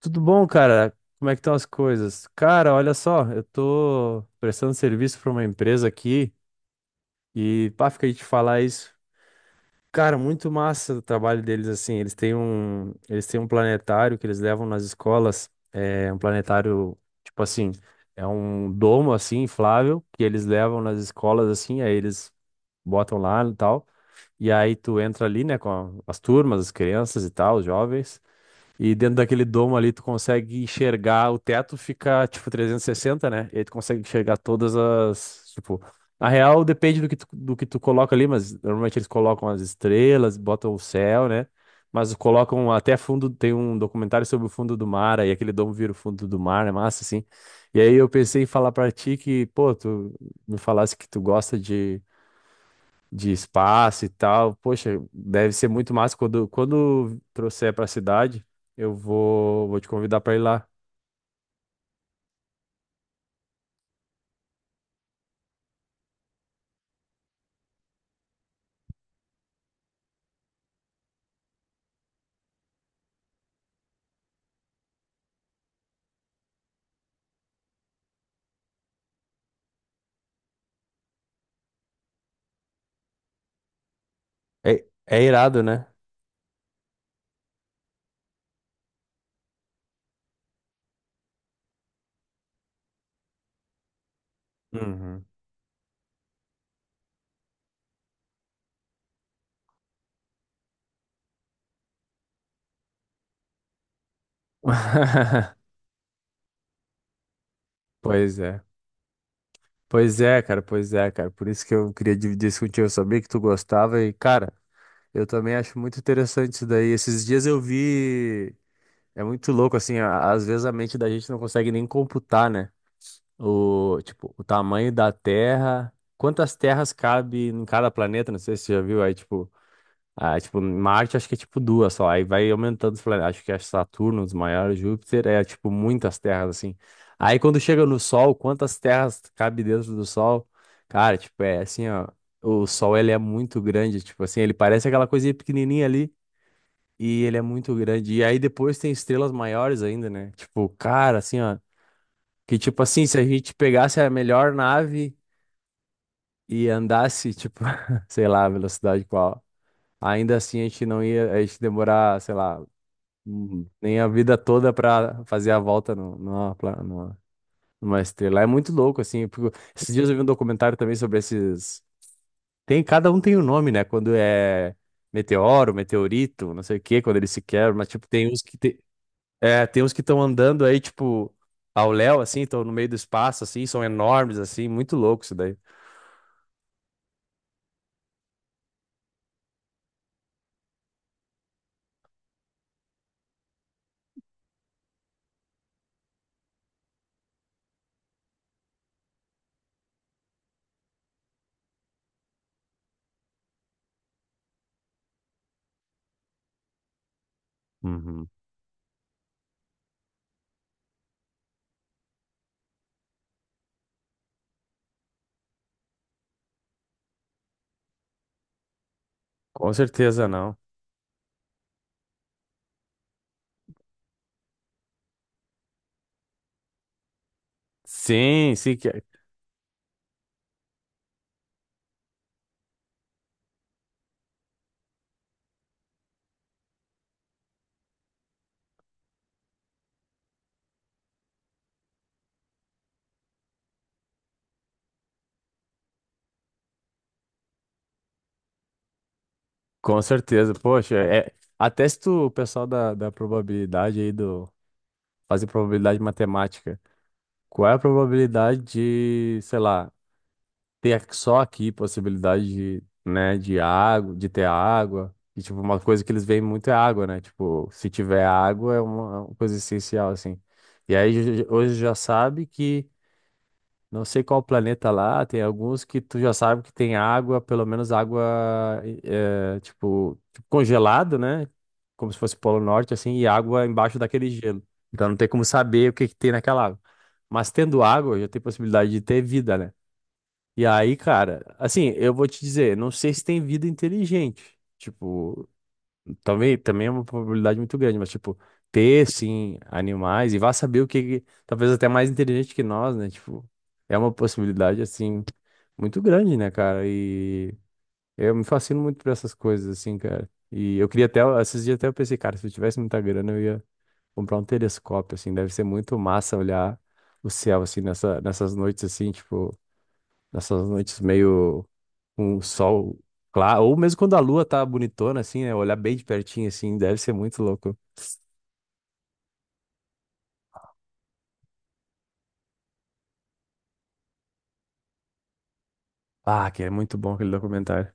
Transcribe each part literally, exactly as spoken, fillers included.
Tudo bom, cara? Como é que estão as coisas? Cara, olha só, eu tô prestando serviço para uma empresa aqui e pá, fica de te falar isso. Cara, muito massa o trabalho deles assim. Eles têm um, eles têm um planetário que eles levam nas escolas, é um planetário tipo assim, é um domo assim inflável que eles levam nas escolas assim, aí eles botam lá e tal. E aí tu entra ali, né, com a- as turmas, as crianças e tal, os jovens. E dentro daquele domo ali, tu consegue enxergar, o teto fica, tipo, trezentos e sessenta, né? E aí tu consegue enxergar todas as, tipo... Na real, depende do que tu, do que tu coloca ali, mas normalmente eles colocam as estrelas, botam o céu, né? Mas colocam até fundo, tem um documentário sobre o fundo do mar, aí aquele domo vira o fundo do mar, é massa, assim. E aí eu pensei em falar pra ti que, pô, tu me falasse que tu gosta de de espaço e tal. Poxa, deve ser muito massa. Quando, quando trouxer para a cidade, eu vou, vou te convidar para ir lá. É, é irado, né? Uhum. Pois é. Pois é, cara, pois é, cara. Por isso que eu queria dividir isso contigo. Eu sabia que tu gostava e, cara, eu também acho muito interessante isso daí. Esses dias eu vi. É muito louco, assim, a- às vezes a mente da gente não consegue nem computar, né? O, tipo, o tamanho da Terra, quantas terras cabe em cada planeta, não sei se você já viu, aí tipo, ah, tipo, Marte acho que é tipo duas só, aí vai aumentando os planetas, acho que é Saturno, os maiores, Júpiter, é tipo muitas terras assim. Aí quando chega no Sol, quantas terras cabe dentro do Sol? Cara, tipo, é assim, ó, o Sol ele é muito grande, tipo assim, ele parece aquela coisinha pequenininha ali. E ele é muito grande. E aí depois tem estrelas maiores ainda, né? Tipo, cara, assim, ó. Que tipo assim, se a gente pegasse a melhor nave e andasse, tipo, sei lá, a velocidade qual, ainda assim a gente não ia, a gente demorar, sei lá, hum, nem a vida toda pra fazer a volta no, numa, pla- numa, numa estrela. É muito louco, assim, porque esses dias eu vi um documentário também sobre esses. Tem, cada um tem um nome, né? Quando é meteoro, meteorito, não sei o quê, quando eles se quebram, mas tipo, tem uns que tem, é, tem uns que estão andando aí, tipo, ao léu, assim, estão no meio do espaço, assim, são enormes, assim, muito louco isso daí. Uhum. Com certeza não. Sim, sim, que- com certeza. Poxa, é, até se tu, o pessoal da, da probabilidade aí do, fazer probabilidade matemática, qual é a probabilidade de, sei lá, ter só aqui possibilidade de, né, de água, de ter água. E, tipo, uma coisa que eles veem muito é água, né? Tipo, se tiver água é uma, é uma coisa essencial, assim. E aí ju- hoje já sabe que, não sei qual planeta lá, tem alguns que tu já sabe que tem água, pelo menos água, eh, tipo, tipo congelado, né? Como se fosse Polo Norte, assim, e água embaixo daquele gelo. Então não tem como saber o que que tem naquela água. Mas tendo água, já tem possibilidade de ter vida, né? E aí, cara, assim, eu vou te dizer, não sei se tem vida inteligente. Tipo, também, também é uma probabilidade muito grande, mas, tipo, ter, sim, animais, e vá saber o que, que- talvez até mais inteligente que nós, né? Tipo, é uma possibilidade, assim, muito grande, né, cara? E eu me fascino muito por essas coisas, assim, cara. E eu queria até, esses dias até eu pensei, cara, se eu tivesse muita grana, eu ia comprar um telescópio, assim, deve ser muito massa olhar o céu, assim, nessa, nessas noites, assim, tipo, nessas noites meio com o sol claro, ou mesmo quando a lua tá bonitona, assim, né? Olhar bem de pertinho, assim, deve ser muito louco. Ah, que é muito bom aquele documentário.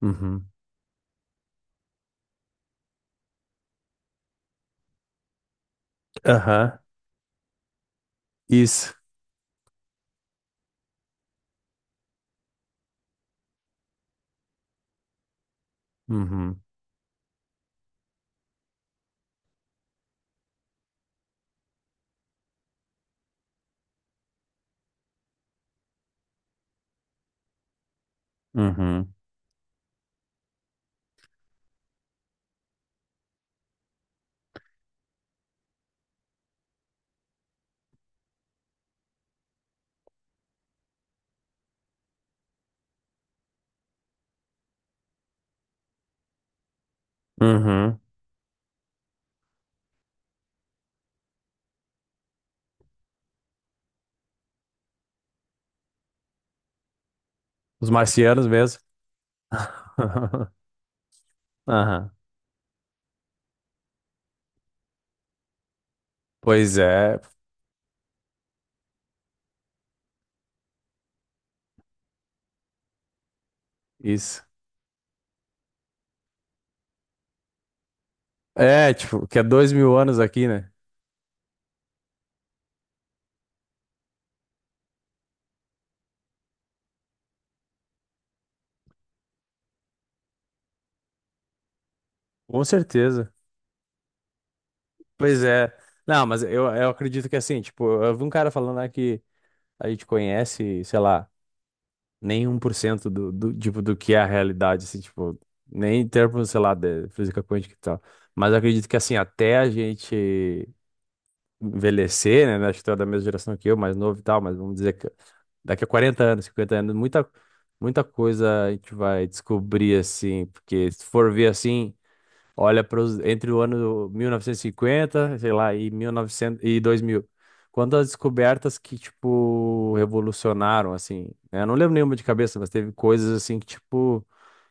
Uhum. Aham. Isso. Uhum. Uhum. Uhum. Os marcianos mesmo. Aham. Pois é, isso. É, tipo, que é dois mil anos aqui, né? Com certeza. Pois é. Não, mas eu, eu acredito que assim, tipo, eu vi um cara falando lá que a gente conhece, sei lá, nem um 1% do, do, tipo, do que é a realidade, assim, tipo, nem em termos, sei lá, de física quântica e tal. Mas eu acredito que, assim, até a gente envelhecer, né? né, Acho que tu é da mesma geração que eu, mais novo e tal, mas vamos dizer que daqui a quarenta anos, cinquenta anos, muita, muita coisa a gente vai descobrir, assim, porque se for ver assim. Olha pros, entre o ano mil novecentos e cinquenta, sei lá, e mil e novecentos e dois mil. Quantas descobertas que, tipo, revolucionaram, assim, né? Eu não lembro nenhuma de cabeça, mas teve coisas, assim, que, tipo,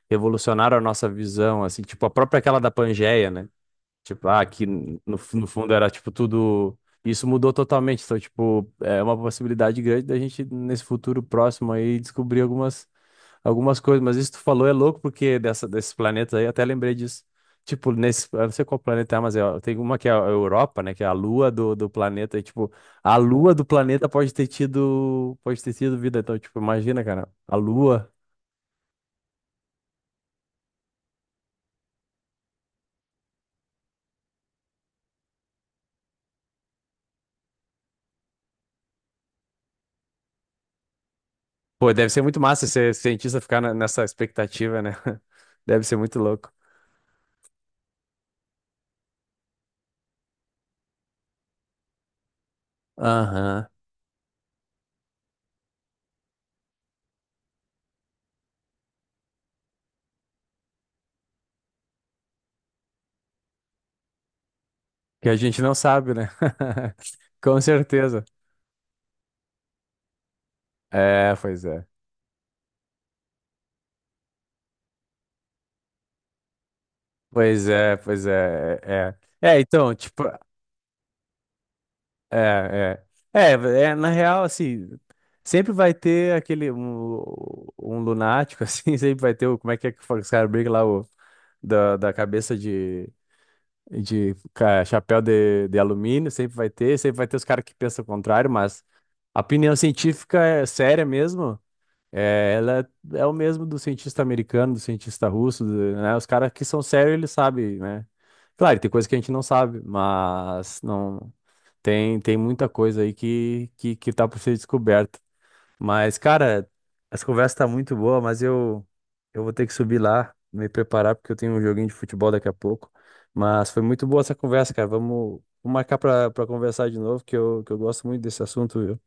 revolucionaram a nossa visão, assim, tipo, a própria aquela da Pangeia, né? Tipo, ah, que no, no fundo era, tipo, tudo... Isso mudou totalmente, então, tipo, é uma possibilidade grande da gente, nesse futuro próximo aí, descobrir algumas algumas coisas, mas isso que tu falou é louco, porque dessa, desses planetas aí, eu até lembrei disso. Tipo, nesse, eu não sei qual planeta é, mas é, tem uma que é a Europa, né, que é a lua do, do planeta, e tipo, a lua do planeta pode ter tido, pode ter tido vida, então, tipo, imagina, cara, a lua. Pô, deve ser muito massa ser cientista ficar na- nessa expectativa, né? Deve ser muito louco. Aham. Que a gente não sabe, né? Com certeza. É, pois é. Pois é, pois é, é. É, é, então, tipo, é, é. É, é, na real, assim, sempre vai ter aquele, um, um lunático, assim, sempre vai ter o, como é que é que fala, os caras brincam lá, o, da, da cabeça de, de ca- chapéu de, de alumínio, sempre vai ter, sempre vai ter os caras que pensam o contrário, mas a opinião científica é séria mesmo, é, ela é é o mesmo do cientista americano, do cientista russo, do- né, os caras que são sérios, eles sabem, né, claro, tem coisa que a gente não sabe, mas não... Tem, tem muita coisa aí que, que, que tá por ser descoberta. Mas, cara, essa conversa tá muito boa, mas eu, eu vou ter que subir lá, me preparar, porque eu tenho um joguinho de futebol daqui a pouco. Mas foi muito boa essa conversa, cara. Vamos, vamos marcar pra, pra conversar de novo, que eu, que eu gosto muito desse assunto, viu?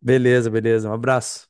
Beleza, beleza. Um abraço.